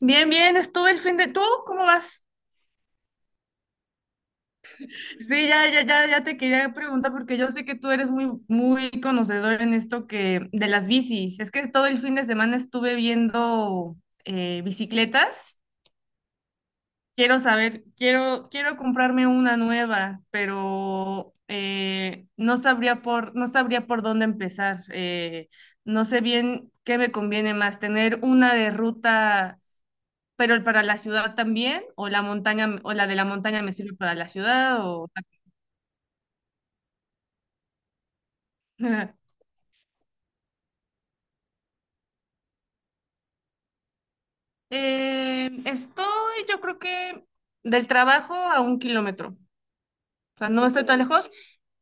Bien, bien, estuve el fin de. ¿Tú cómo vas? Sí, ya, ya, ya, ya te quería preguntar porque yo sé que tú eres muy, muy conocedor en esto que de las bicis. Es que todo el fin de semana estuve viendo bicicletas. Quiero saber, quiero comprarme una nueva, pero no sabría por dónde empezar. No sé bien qué me conviene más, tener una de ruta pero para la ciudad también, o la montaña, o la de la montaña me sirve para la ciudad, o. Estoy, yo creo que del trabajo a 1 kilómetro, o sea, no estoy tan lejos,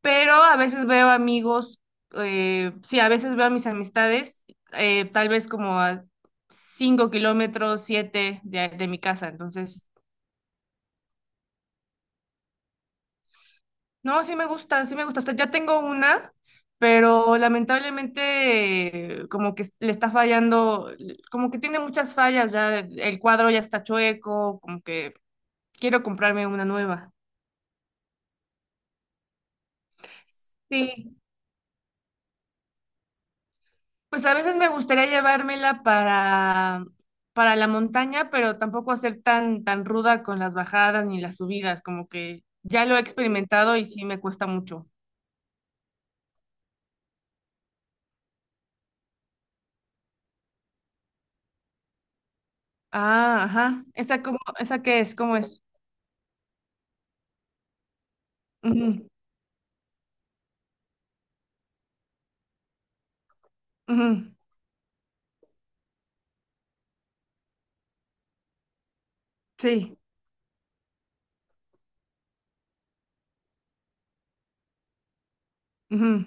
pero a veces veo amigos, sí, a veces veo a mis amistades, tal vez como a 5 kilómetros, 7 de mi casa, entonces. No, sí me gusta, sí me gusta. O sea, ya tengo una, pero lamentablemente como que le está fallando, como que tiene muchas fallas ya, el cuadro ya está chueco, como que quiero comprarme una nueva. Sí. Pues a veces me gustaría llevármela para la montaña, pero tampoco hacer tan, tan ruda con las bajadas ni las subidas, como que ya lo he experimentado y sí me cuesta mucho. Ah, ajá. ¿Esa cómo, esa qué es? ¿Cómo es? Ujú, ujú. Sí. Ujú.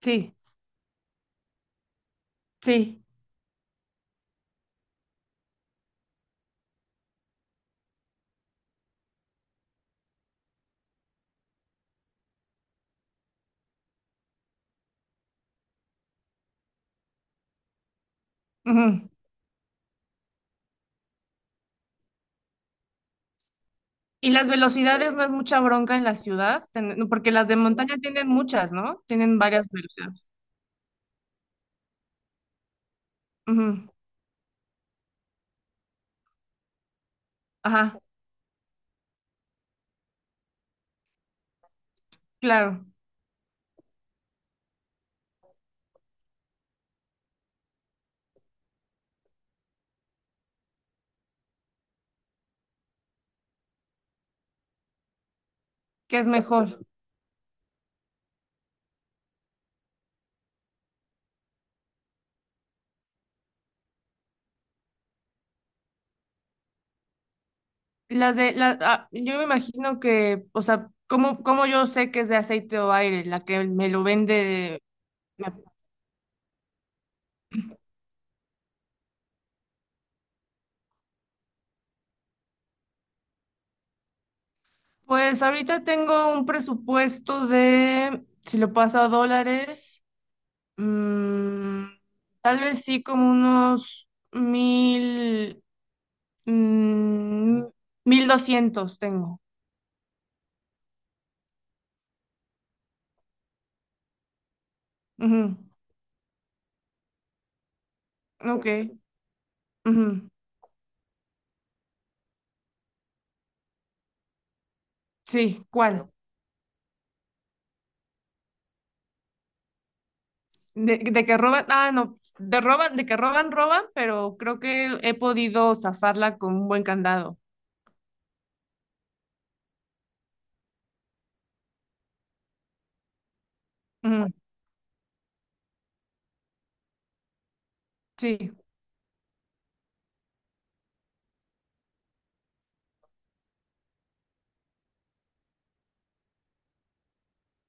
Sí, sí. Ujú. Y las velocidades no es mucha bronca en la ciudad. No, porque las de montaña tienen muchas, ¿no? Tienen varias velocidades. Ujú. Ajá, claro, que es mejor. Las de, la, yo me imagino que, o sea, ¿cómo, cómo yo sé que es de aceite o aire? La que me lo vende. me- Pues ahorita tengo un presupuesto de, si lo paso a dólares, mm, tal vez sí como unos 1000. Mm, 1200 tengo. Ujú. Ok. Ujú. Sí, ¿cuál? Bueno. De que roban, no, de roban, de que roban, roban, pero creo que he podido zafarla con un buen candado. Ujú. Sí,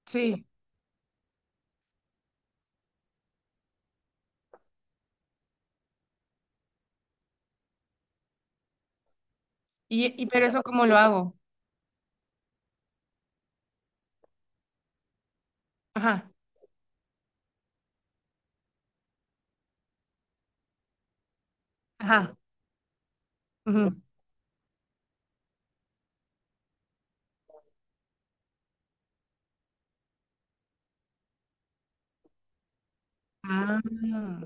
sí. Y pero eso ¿cómo lo hago? Ajá, ajá. Ujú. Ah.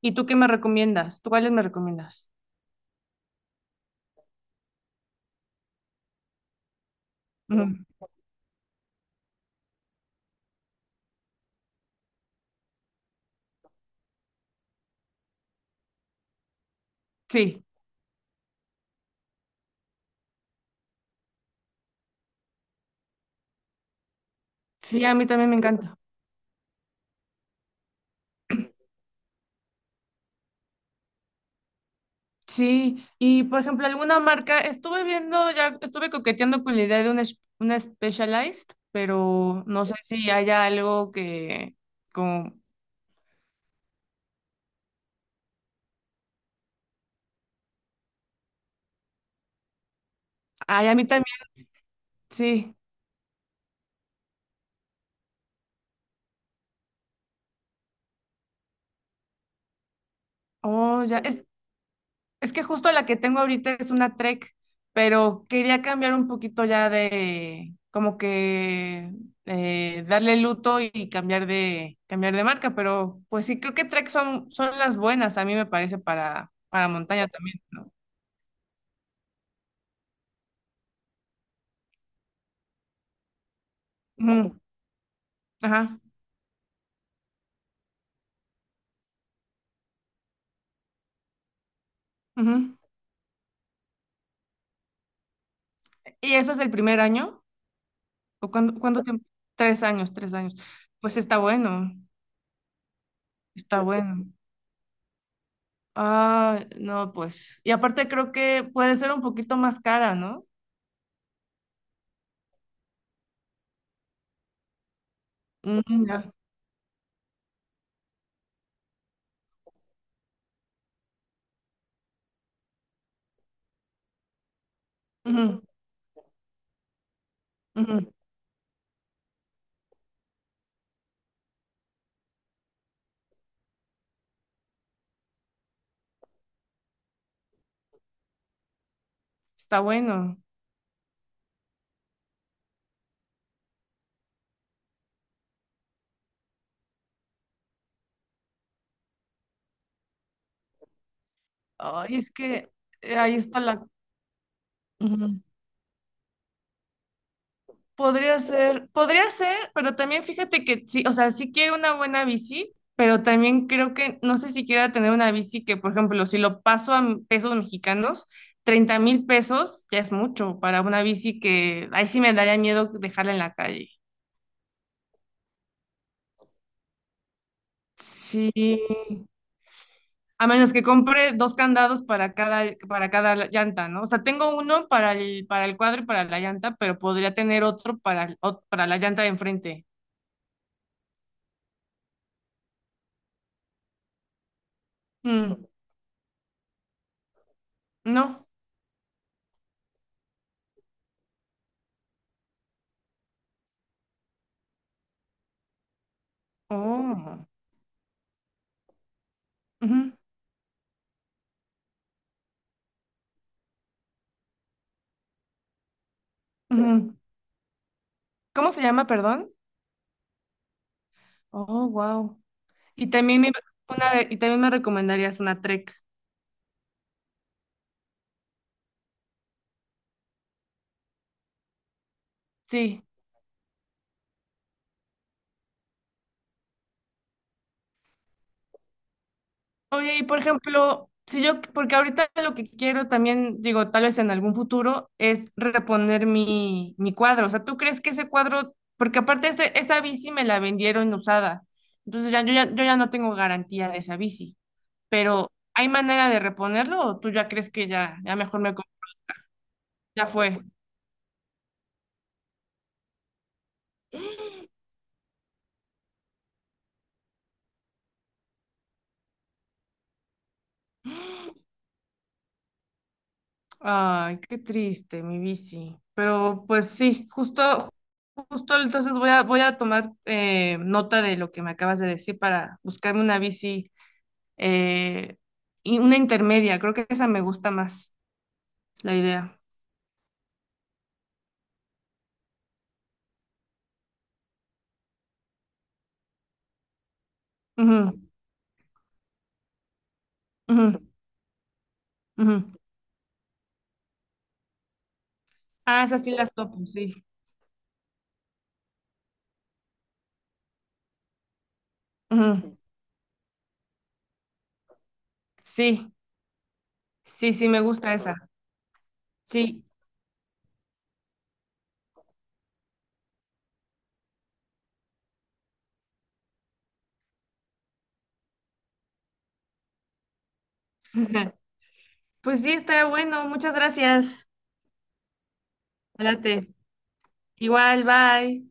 ¿Y tú qué me recomiendas? ¿Tú cuáles me recomiendas? Ujú. Sí, sí, a mí también me encanta. Sí, y por ejemplo, alguna marca, estuve viendo, ya estuve coqueteando con la idea de una, una Specialized, pero no sé si haya algo que, como, ay, a mí también, sí, oh, ya, es que justo la que tengo ahorita es una Trek, pero quería cambiar un poquito ya de, como que, darle luto y cambiar de marca, pero pues sí, creo que Trek son las buenas, a mí me parece, para montaña también, ¿no? Ujú. Ajá. Ujú. ¿Y eso es el primer año? ¿O cuánto, cuánto tiempo? 3 años, 3 años. Pues está bueno, está bueno. Ah, no, pues. Y aparte creo que puede ser un poquito más cara, ¿no? Mm, ya. Ujú, ujú. Está bueno. Ay, es que ahí está la. Ujú. Podría ser, pero también fíjate que sí, o sea, sí quiero una buena bici, pero también creo que no sé si quiera tener una bici que, por ejemplo, si lo paso a pesos mexicanos, 30,000 pesos ya es mucho para una bici que ahí sí me daría miedo dejarla en la calle. Sí, a menos que compre dos candados para cada llanta, ¿no? O sea, tengo uno para el cuadro y para la llanta, pero podría tener otro para, para la llanta de enfrente. Mm, no. Oh. Ujú, ujú. ¿Cómo se llama, perdón? Oh, wow. Y también me, y también me recomendarías una Trek. Sí. Oye, y por ejemplo, si yo, porque ahorita lo que quiero también, digo, tal vez en algún futuro, es reponer mi, mi cuadro. O sea, ¿tú crees que ese cuadro, porque aparte esa bici me la vendieron usada, entonces ya, yo ya no tengo garantía de esa bici, pero ¿hay manera de reponerlo o tú ya crees que ya, ya mejor ya fue? Ay, qué triste, mi bici. Pero pues sí, justo, justo entonces voy a, voy a tomar nota de lo que me acabas de decir para buscarme una bici eh, y una intermedia. Creo que esa me gusta más, la idea. Ujú, ujú, ujú. Ah, esas sí las topo, sí. Ujú. Sí, sí, sí, me gusta esa. Sí. Pues sí, está bueno. Muchas gracias. Adelante. Igual, bye.